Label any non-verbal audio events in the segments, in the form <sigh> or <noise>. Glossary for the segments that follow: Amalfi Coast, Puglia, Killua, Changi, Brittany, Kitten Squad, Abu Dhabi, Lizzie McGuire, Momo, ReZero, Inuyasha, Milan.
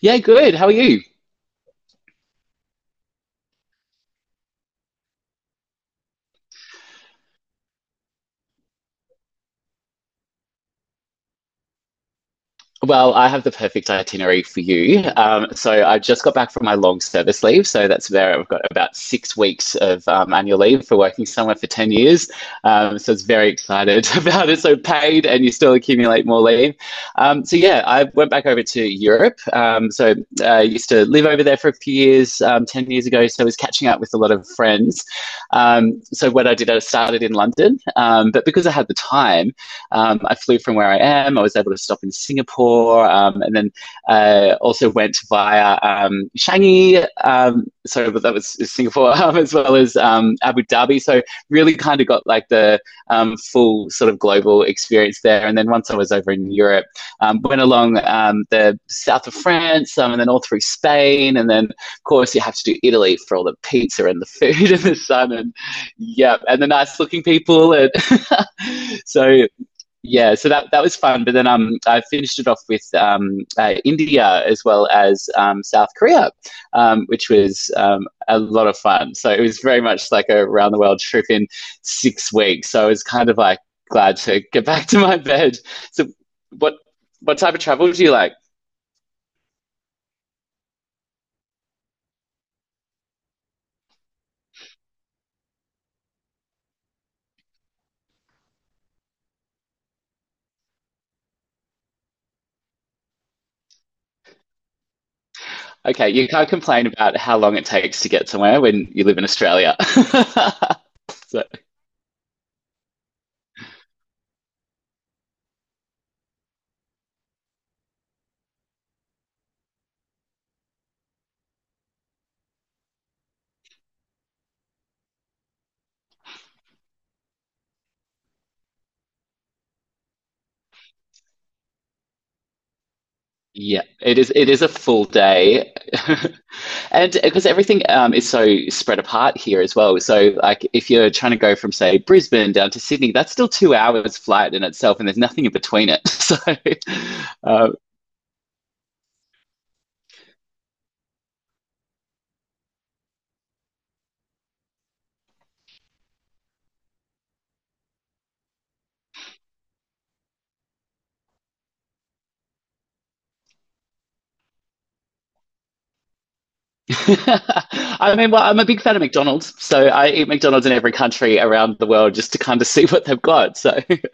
Yeah, good. How are you? Well, I have the perfect itinerary for you. So I just got back from my long service leave. So that's there. I've got about 6 weeks of annual leave for working somewhere for 10 years. So it's very excited <laughs> about it. So paid, and you still accumulate more leave. So yeah, I went back over to Europe. So I used to live over there for a few years, 10 years ago. So I was catching up with a lot of friends. So what I did, I started in London. But because I had the time, I flew from where I am. I was able to stop in Singapore, and then also went via Changi. So that was Singapore <laughs> as well as Abu Dhabi. So really kind of got like the full sort of global experience there. And then once I was over in Europe, went along the south of France, and then all through Spain, and then of course you have to do Italy for all the pizza and the food <laughs> and the sun and yeah, and the nice looking people. And <laughs> so yeah, so that was fun. But then I finished it off with India as well as South Korea, which was a lot of fun. So it was very much like a round the world trip in 6 weeks. So I was kind of like glad to get <laughs> back to my bed. So what what type of travel do you like? Okay, you can't complain about how long it takes to get somewhere when you live in Australia. <laughs> So yeah, it is a full day. <laughs> And because everything is so spread apart here as well. So, like, if you're trying to go from, say, Brisbane down to Sydney, that's still 2 hours flight in itself, and there's nothing in between it. So, um, <laughs> I mean, well, I'm a big fan of McDonald's. So I eat McDonald's in every country around the world just to kind of see what they've got. So, <laughs>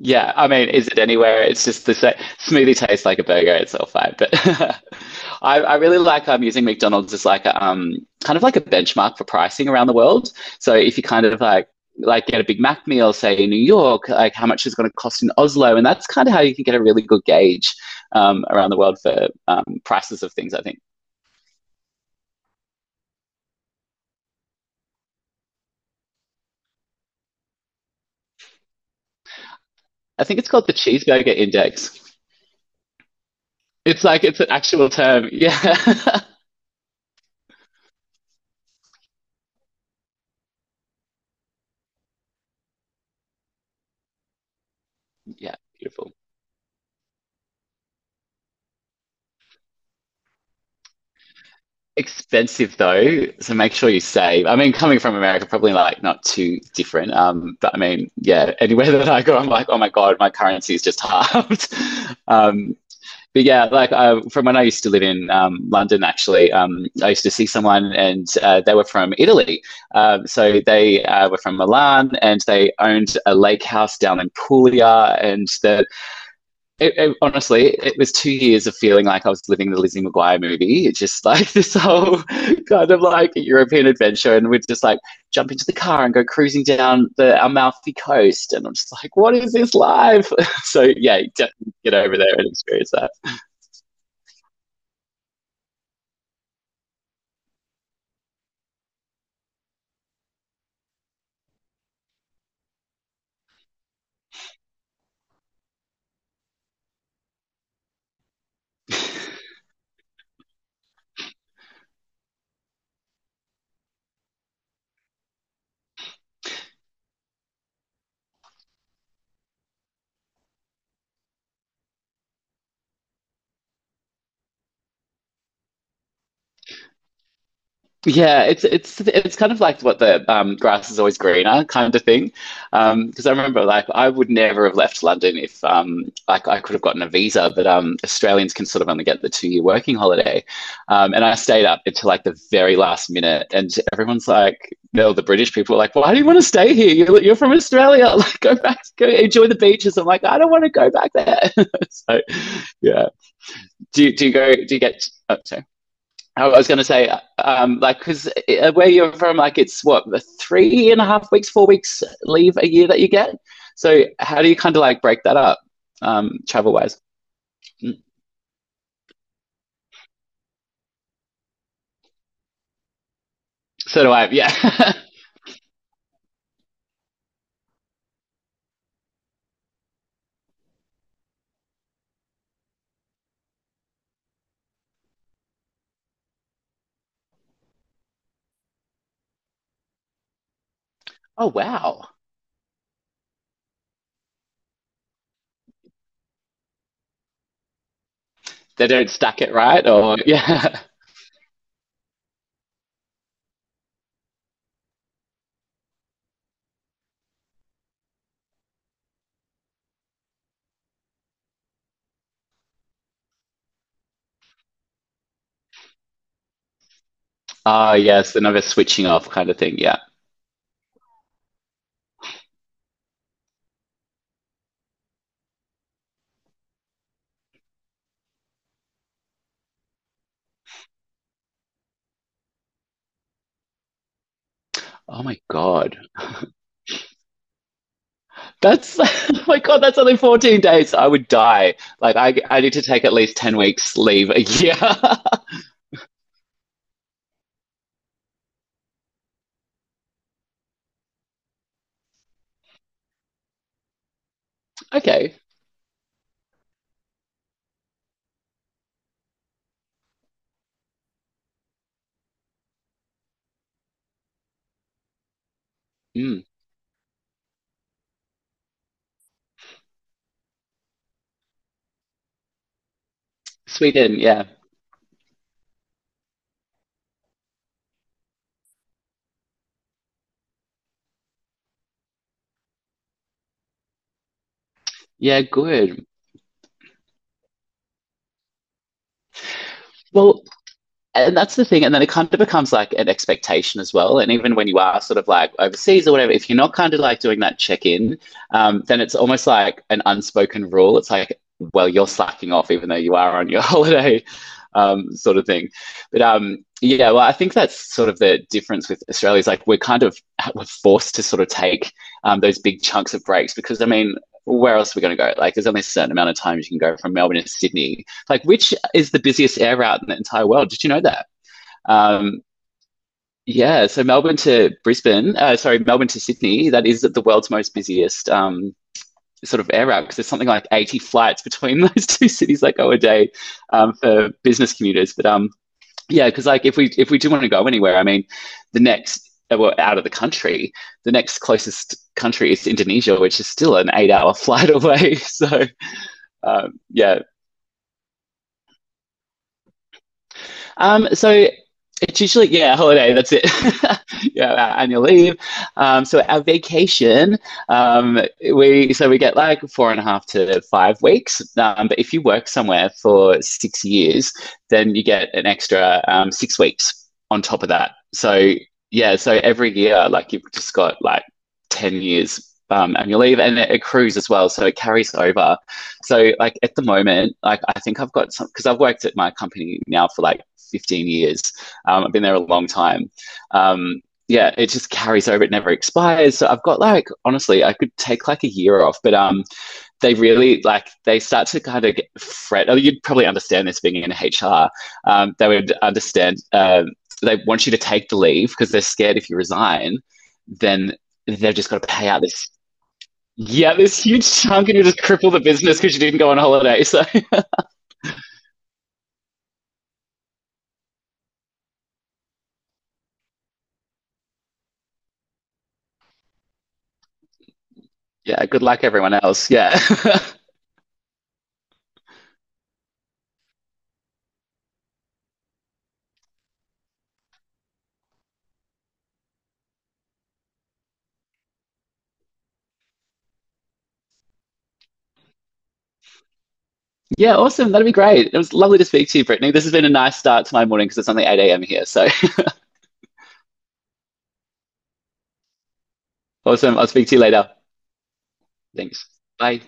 yeah, I mean, is it anywhere? It's just the same. Smoothie tastes like a burger. It's all fine. But <laughs> I really like using McDonald's as like a kind of like a benchmark for pricing around the world. So if you kind of like get a Big Mac meal, say in New York, like how much is going to cost in Oslo, and that's kind of how you can get a really good gauge around the world for prices of things, I think. I think it's called the cheeseburger index. It's like it's an actual term. Yeah. <laughs> Yeah. Beautiful. Expensive though, so make sure you save. I mean, coming from America, probably like not too different. But I mean, yeah, <laughs> anywhere that I go, I'm like, oh my god, my currency is just halved. <laughs> um, but yeah, like from when I used to live in London, actually, I used to see someone and they were from Italy. So they were from Milan, and they owned a lake house down in Puglia, and honestly, it was 2 years of feeling like I was living the Lizzie McGuire movie. It's just <laughs> like this whole kind of like European adventure, and we'd just like jump into the car and go cruising down the Amalfi Coast. And I'm just like, what is this life? <laughs> So, yeah, definitely get over there and experience that. Yeah, it's kind of like what the grass is always greener kind of thing. Because I remember, like, I would never have left London if like I could have gotten a visa, but Australians can sort of only get the 2-year working holiday. And I stayed up until like the very last minute, and everyone's like, "No, the British people are like, why do you want to stay here? You're from Australia. <laughs> Like, go back, go enjoy the beaches." I'm like, "I don't want to go back there." <laughs> So, yeah. Do you go? Do you get? Oh, sorry. I was going to say, like, because where you're from, like, it's what 3.5 weeks, 4 weeks leave a year that you get. So how do you kind of like break that up, travel wise? So do I. Yeah. <laughs> Oh wow, they don't stack it right, or <laughs> yeah. Oh yes, another switching off kind of thing. Yeah. Oh my god, that's <laughs> oh my god, that's only 14 days. I would die. Like I need to take at least 10 weeks leave a year. <laughs> Okay. Mm. Sweden, yeah, yeah, good. Well, and that's the thing. And then it kind of becomes like an expectation as well. And even when you are sort of like overseas or whatever, if you're not kind of like doing that check in, then it's almost like an unspoken rule. It's like, well, you're slacking off even though you are on your <laughs> holiday, sort of thing. But yeah, well, I think that's sort of the difference with Australia is like we're forced to sort of take those big chunks of breaks, because I mean, where else are we going to go? Like, there's only a certain amount of time you can go from Melbourne to Sydney, like, which is the busiest air route in the entire world. Did you know that? Um, yeah, so Melbourne to Brisbane, sorry, Melbourne to Sydney, that is the world's most busiest sort of air route because there's something like 80 flights between <laughs> those two cities that go a day for business commuters. But yeah, because like if we do want to go anywhere, I mean, the next well, out of the country, the next closest country is Indonesia, which is still an 8-hour <laughs> flight away. So yeah. So it's usually, yeah, holiday, that's it. <laughs> Yeah, our annual leave. So our vacation. um, we, we get like 4.5 to 5 weeks, but if you work somewhere for 6 years, then you get an extra 6 weeks on top of that. So yeah, so every year, like, you've just got like 10 years annual leave, and it accrues as well, so it carries over. So like, at the moment, like, I think I've got some because I've worked at my company now for like 15 years. I've been there a long time. um, yeah, it just carries over, it never expires, so I've got like, honestly, I could take like a year off, but they really, like, they start to kind of get fret. Oh, you'd probably understand this, being in HR. They would understand, they want you to take the leave because they're scared if you resign, then they've just got to pay out this, yeah, this huge chunk, and you just cripple the business because you didn't go on holiday. So, <laughs> yeah, good luck, everyone else. Yeah. <laughs> Yeah, awesome. That'd be great. It was lovely to speak to you, Brittany. This has been a nice start to my morning because it's only 8 a.m. here. So, <laughs> awesome. I'll speak to you later. Thanks. Bye.